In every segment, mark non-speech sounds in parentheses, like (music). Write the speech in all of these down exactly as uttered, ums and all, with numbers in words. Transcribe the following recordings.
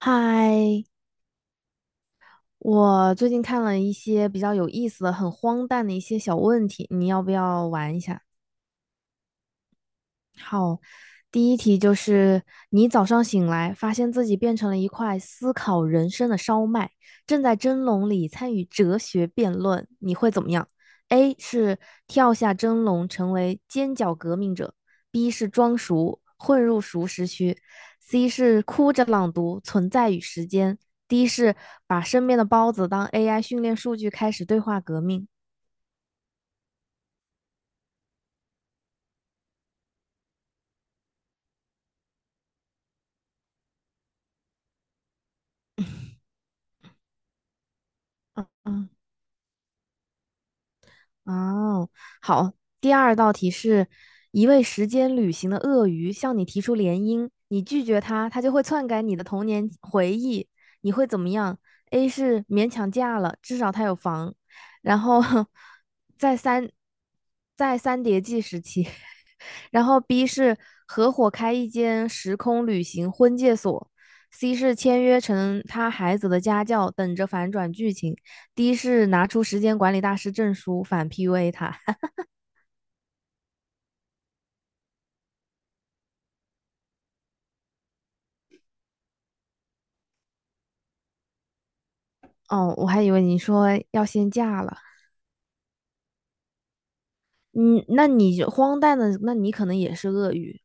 嗨，我最近看了一些比较有意思的、很荒诞的一些小问题，你要不要玩一下？好，第一题就是你早上醒来，发现自己变成了一块思考人生的烧麦，正在蒸笼里参与哲学辩论，你会怎么样？A 是跳下蒸笼成为尖角革命者，B 是装熟混入熟食区，C 是哭着朗读《存在与时间》，D 是把身边的包子当 A I 训练数据开始对话革命。嗯哦，好，第二道题是一位时间旅行的鳄鱼向你提出联姻，你拒绝他，他就会篡改你的童年回忆，你会怎么样？A 是勉强嫁了，至少他有房，然后 (laughs) 在三在三叠纪时期然后 B 是合伙开一间时空旅行婚介所，C 是签约成他孩子的家教，等着反转剧情，D 是拿出时间管理大师证书反 P U A 他。哦，我还以为你说要先嫁了，嗯，那你荒诞的，那你可能也是鳄鱼。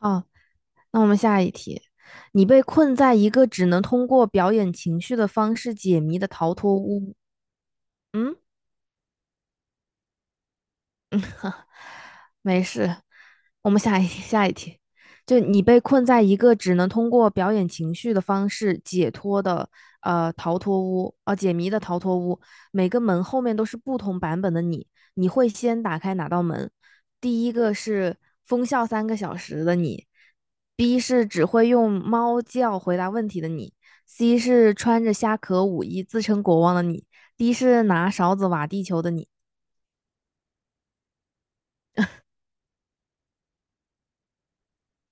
哦，那我们下一题，你被困在一个只能通过表演情绪的方式解谜的逃脱屋。嗯，哼 (laughs) 没事，我们下一下一题，就你被困在一个只能通过表演情绪的方式解脱的呃逃脱屋啊、呃解谜的逃脱屋，每个门后面都是不同版本的你，你会先打开哪道门？第一个是疯笑三个小时的你，B 是只会用猫叫回答问题的你，C 是穿着虾壳舞衣自称国王的你，D 是拿勺子挖地球的你。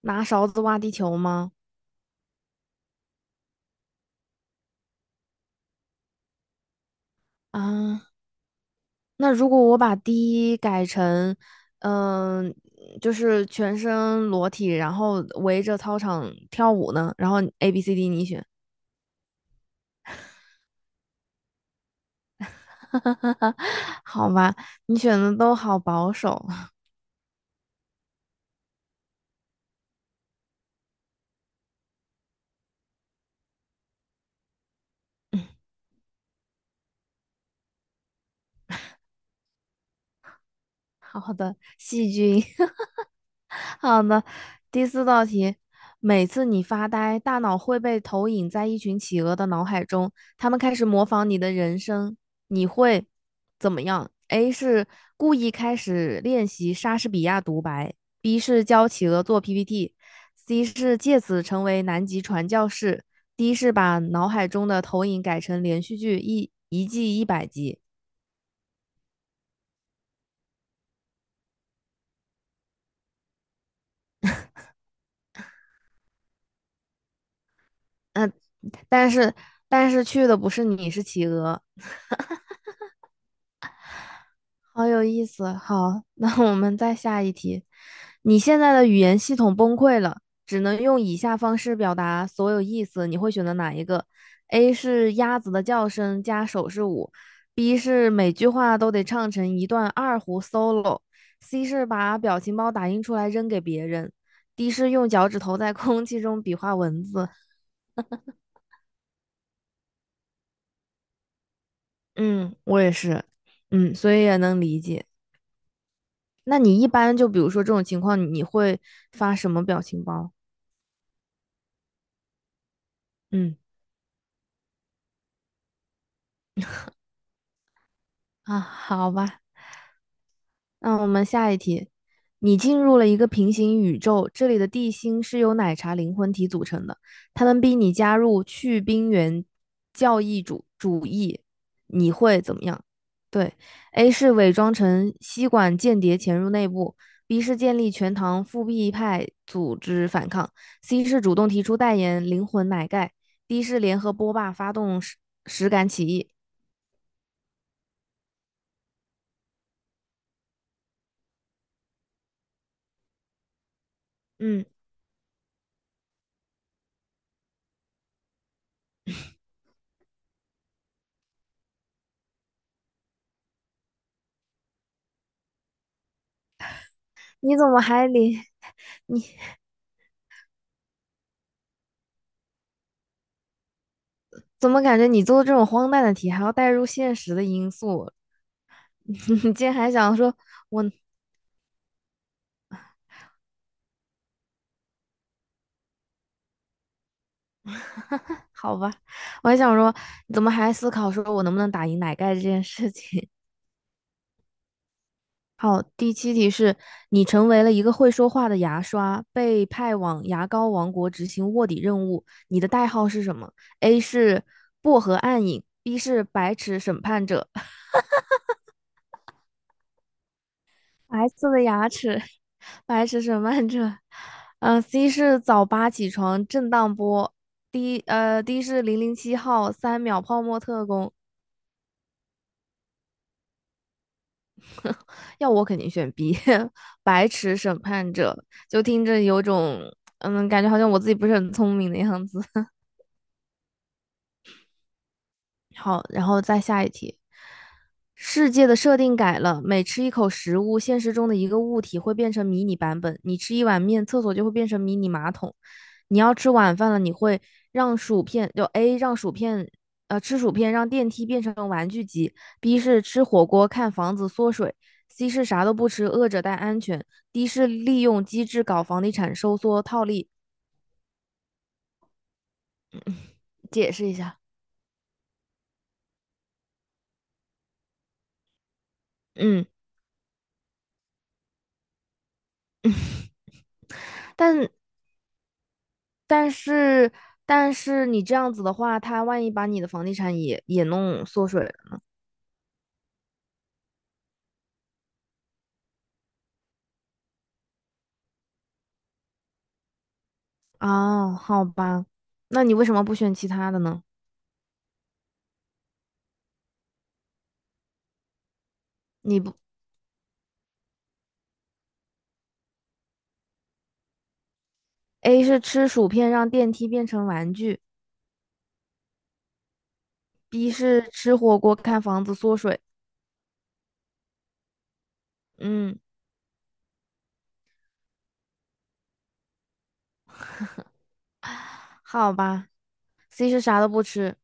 拿勺子挖地球吗？啊，那如果我把第一改成，嗯、就是全身裸体，然后围着操场跳舞呢？然后 A、B、C、D 你选，(laughs) 好吧，你选的都好保守。(laughs) 好的，细菌。(laughs) 好的，第四道题，每次你发呆，大脑会被投影在一群企鹅的脑海中，它们开始模仿你的人生，你会怎么样？A 是故意开始练习莎士比亚独白，B 是教企鹅做 P P T，C 是借此成为南极传教士，D 是把脑海中的投影改成连续剧一一季一百集，但是但是去的不是你，是企鹅。好有意思。好，(laughs) 那我们再下一题。你现在的语言系统崩溃了，只能用以下方式表达所有意思，你会选择哪一个？A 是鸭子的叫声加手势舞，B 是每句话都得唱成一段二胡 solo，C 是把表情包打印出来扔给别人，D 是用脚趾头在空气中比划文字。嗯，我也是，嗯，所以也能理解。那你一般就比如说这种情况，你会发什么表情包？嗯啊，好吧，那我们下一题。你进入了一个平行宇宙，这里的地心是由奶茶灵魂体组成的，他们逼你加入去冰原教义主主义，你会怎么样？对，A 是伪装成吸管间谍潜入内部，B 是建立全糖复辟派组织反抗，C 是主动提出代言灵魂奶盖，D 是联合波霸发动实实感起义。嗯，你怎么还连？怎么感觉你做这种荒诞的题还要带入现实的因素？(laughs) 你竟然还想说我，(laughs) 好吧，我还想说，你怎么还思考说我能不能打赢奶盖这件事情？(laughs) 好，第七题是你成为了一个会说话的牙刷，被派往牙膏王国执行卧底任务，你的代号是什么？A 是薄荷暗影，B 是白齿审判者白色的牙齿，(laughs) 白齿审判者，嗯，C 是早八起床，震荡波。D 呃，D 是零零七号，三秒泡沫特工。要我肯定选 B，(laughs) 白齿审判者。就听着有种，嗯，感觉好像我自己不是很聪明的样子。好，然后再下一题。世界的设定改了，每吃一口食物，现实中的一个物体会变成迷你版本。你吃一碗面，厕所就会变成迷你马桶。你要吃晚饭了，你会让薯片，就 A 让薯片，呃，吃薯片让电梯变成玩具机；B 是吃火锅看房子缩水；C 是啥都不吃，饿着但安全；D 是利用机制搞房地产收缩套利。解释一下，嗯，但但是但是你这样子的话，他万一把你的房地产也也弄缩水了啊，好吧，那你为什么不选其他的呢？你不 A 是吃薯片让电梯变成玩具，B 是吃火锅看房子缩水，嗯，(sighs) 好吧，C 是啥都不吃。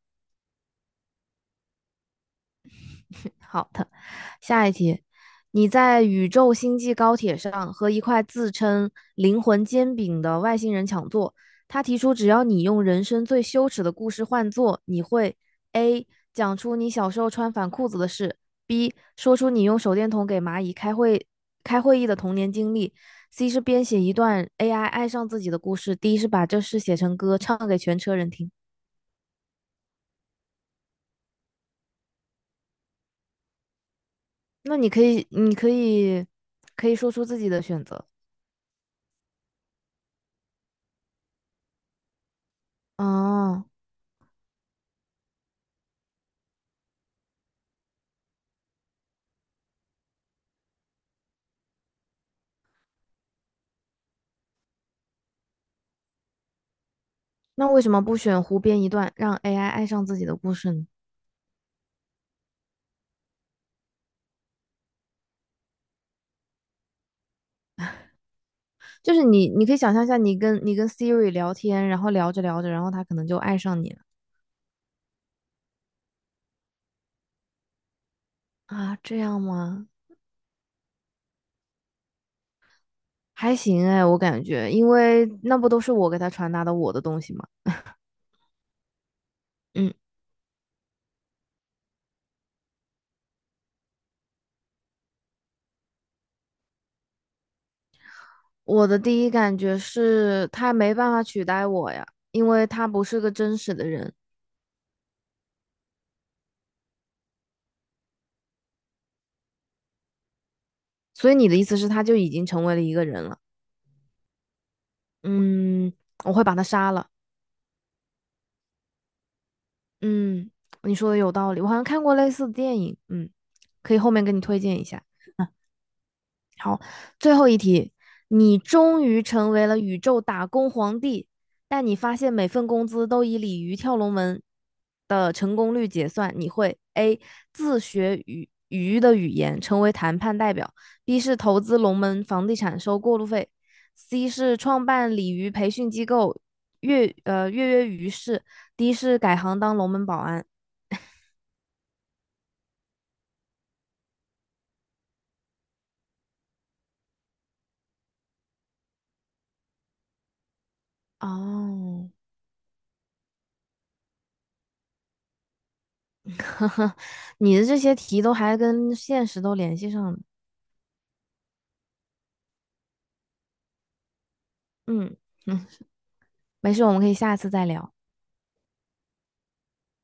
好的，下一题，你在宇宙星际高铁上和一块自称"灵魂煎饼"的外星人抢座，他提出只要你用人生最羞耻的故事换座，你会 A 讲出你小时候穿反裤子的事，B 说出你用手电筒给蚂蚁开会开会议的童年经历，C 是编写一段 A I 爱上自己的故事，D 是把这事写成歌唱给全车人听。那你可以，你可以，可以说出自己的选择哦。那为什么不选湖边一段，让 A I 爱上自己的故事呢？就是你，你可以想象一下，你跟你跟 Siri 聊天，然后聊着聊着，然后它可能就爱上你了啊？这样吗？还行哎，我感觉，因为那不都是我给他传达的我的东西吗？嗯，我的第一感觉是他没办法取代我呀，因为他不是个真实的人。所以你的意思是，他就已经成为了一个人了？嗯，我会把他杀了。嗯，你说的有道理，我好像看过类似的电影，嗯，可以后面给你推荐一下。好，最后一题，你终于成为了宇宙打工皇帝，但你发现每份工资都以鲤鱼跳龙门的成功率结算，你会 A 自学语鱼的语言，成为谈判代表；B 是投资龙门房地产收过路费；C 是创办鲤鱼培训机构，跃呃跃跃欲试；D 是改行当龙门保安。哦，(laughs) 你的这些题都还跟现实都联系上了。嗯嗯，没事，我们可以下次再聊。